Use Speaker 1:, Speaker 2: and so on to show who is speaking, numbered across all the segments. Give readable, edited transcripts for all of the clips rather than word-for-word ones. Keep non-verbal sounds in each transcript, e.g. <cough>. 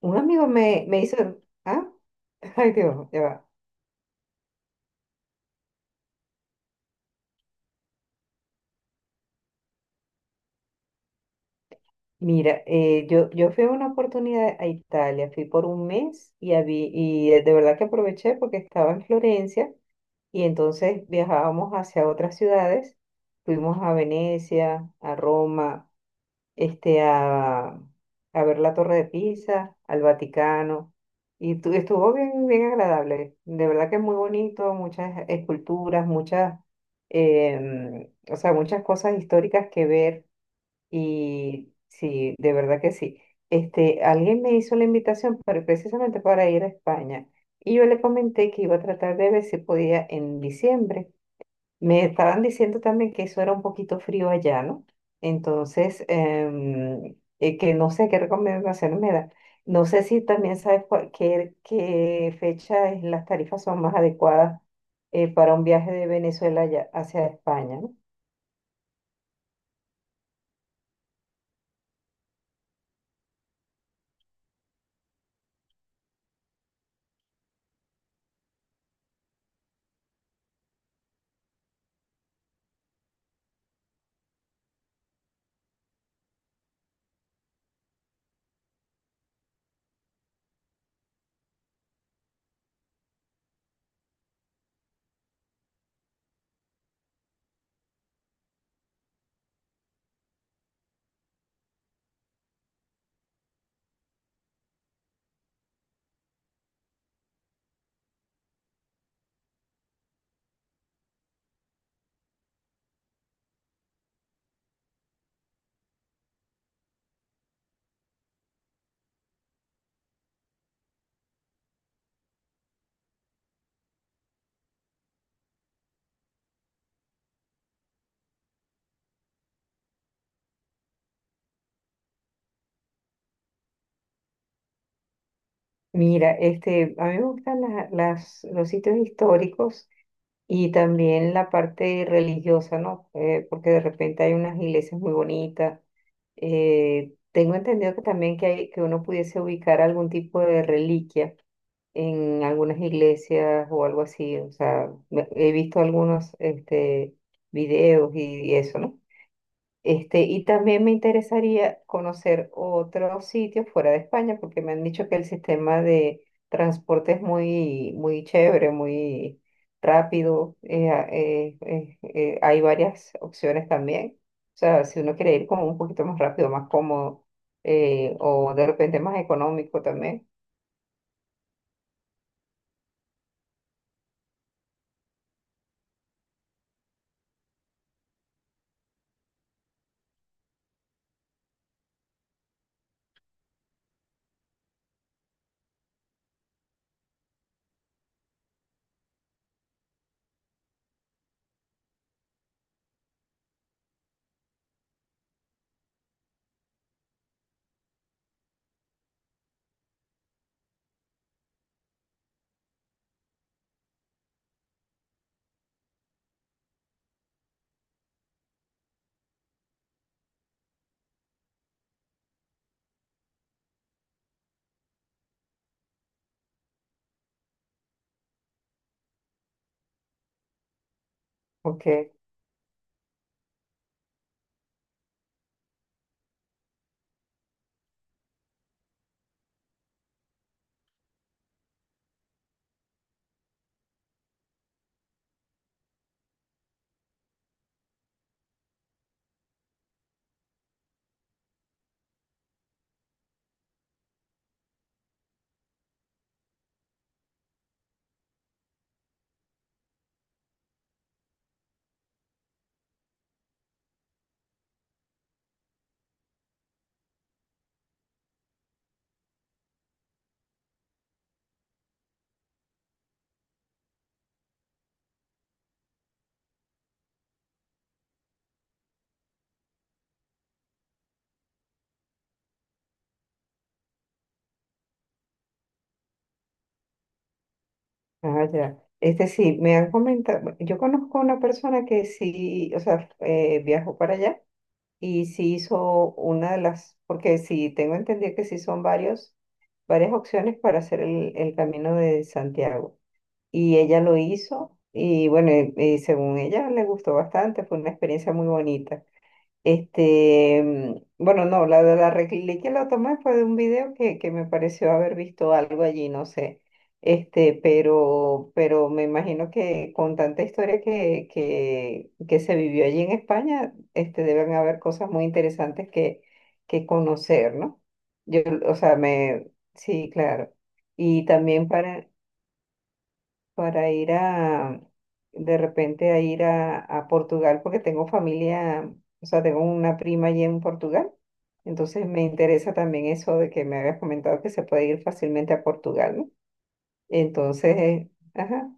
Speaker 1: Un amigo me hizo, ah, <laughs> ay Dios, ya va. Mira, yo fui en una oportunidad a Italia, fui por un mes y de verdad que aproveché porque estaba en Florencia, y entonces viajábamos hacia otras ciudades, fuimos a Venecia, a Roma, este, a, a ver la Torre de Pisa, al Vaticano, estuvo bien, bien agradable. De verdad que es muy bonito, muchas esculturas, o sea, muchas cosas históricas que ver, y sí, de verdad que sí. Alguien me hizo la invitación precisamente para ir a España, y yo le comenté que iba a tratar de ver si podía en diciembre. Me estaban diciendo también que eso era un poquito frío allá, ¿no? Entonces, que no sé qué recomendaciones me da. No sé si también sabes qué fecha las tarifas son más adecuadas para un viaje de Venezuela allá hacia España, ¿no? Mira, este, a mí me gustan los sitios históricos. Y también la parte religiosa, ¿no? Porque de repente hay unas iglesias muy bonitas. Tengo entendido que también que hay, que uno pudiese ubicar algún tipo de reliquia en algunas iglesias o algo así. O sea, he visto algunos este, videos y eso, ¿no? Este, y también me interesaría conocer otros sitios fuera de España, porque me han dicho que el sistema de transporte es muy, muy chévere, muy rápido. Hay varias opciones también. O sea, si uno quiere ir como un poquito más rápido, más cómodo, o de repente más económico también, porque, ah, ya. Este sí, me han comentado, yo conozco una persona que sí, o sea, viajó para allá. Si hizo una de las, porque sí, tengo entendido que sí son varios, varias opciones para hacer el camino de Santiago. Y ella lo hizo y bueno, y según ella le gustó bastante, fue una experiencia muy bonita. Bueno, no, la de la reglí que la tomé fue de un video que me pareció haber visto algo allí, no sé. Este, pero me imagino que con tanta historia que se vivió allí en España, este, deben haber cosas muy interesantes que conocer, ¿no? Yo, o sea, me, sí, claro. Y también para, para ir a, de repente a ir a Portugal, porque tengo familia, o sea, tengo una prima allí en Portugal. Entonces me interesa también eso de que me habías comentado que se puede ir fácilmente a Portugal, ¿no? Entonces, ajá,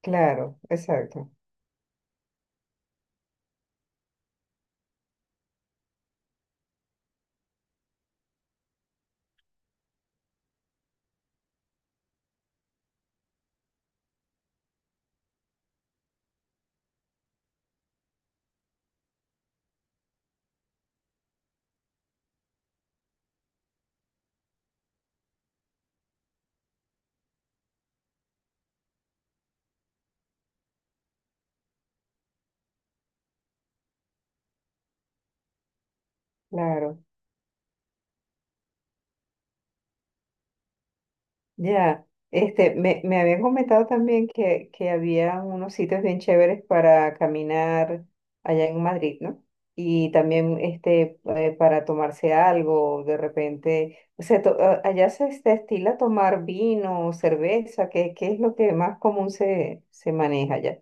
Speaker 1: claro, exacto, claro. Ya, este, me habían comentado también que había unos sitios bien chéveres para caminar allá en Madrid, ¿no? Y también este, para tomarse algo, de repente, o sea, allá se estila tomar vino, cerveza, qué es lo que más común se maneja allá?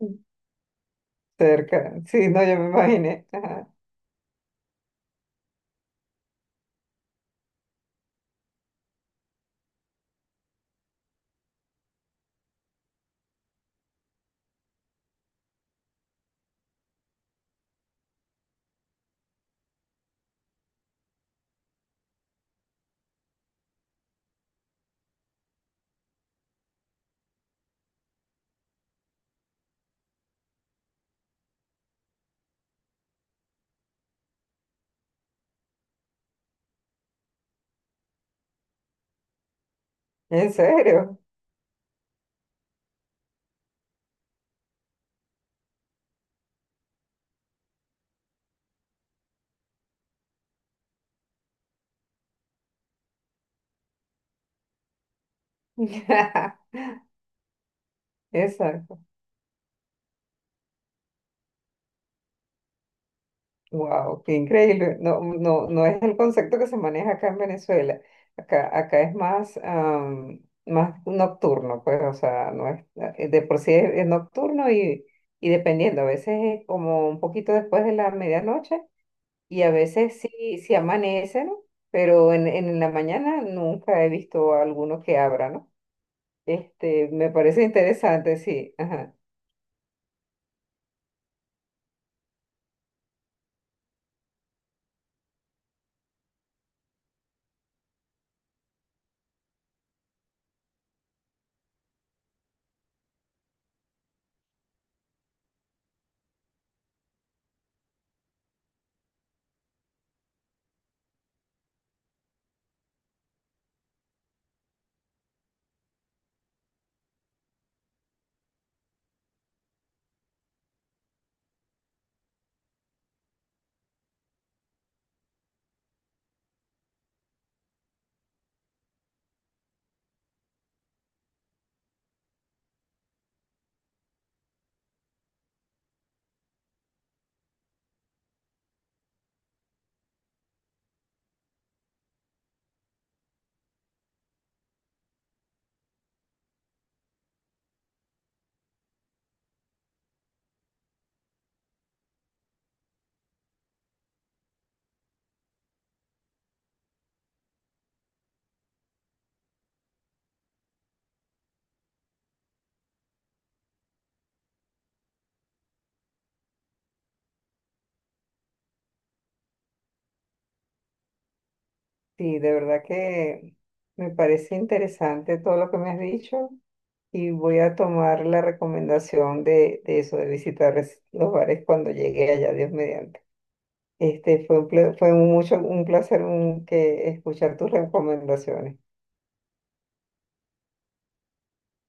Speaker 1: Mm. Cerca, sí, no, yo me imaginé. Ajá. ¿En serio? <laughs> Exacto. Wow, qué increíble. No, no, no es el concepto que se maneja acá en Venezuela. Acá es más, más nocturno, pues, o sea, no es, de por sí es nocturno y dependiendo, a veces es como un poquito después de la medianoche y a veces sí, sí amanece, ¿no? Pero en la mañana nunca he visto a alguno que abra, ¿no? Este, me parece interesante, sí, ajá. Sí, de verdad que me parece interesante todo lo que me has dicho. Y voy a tomar la recomendación de eso, de visitar los bares cuando llegue allá, Dios mediante. Este, fue un placer que escuchar tus recomendaciones.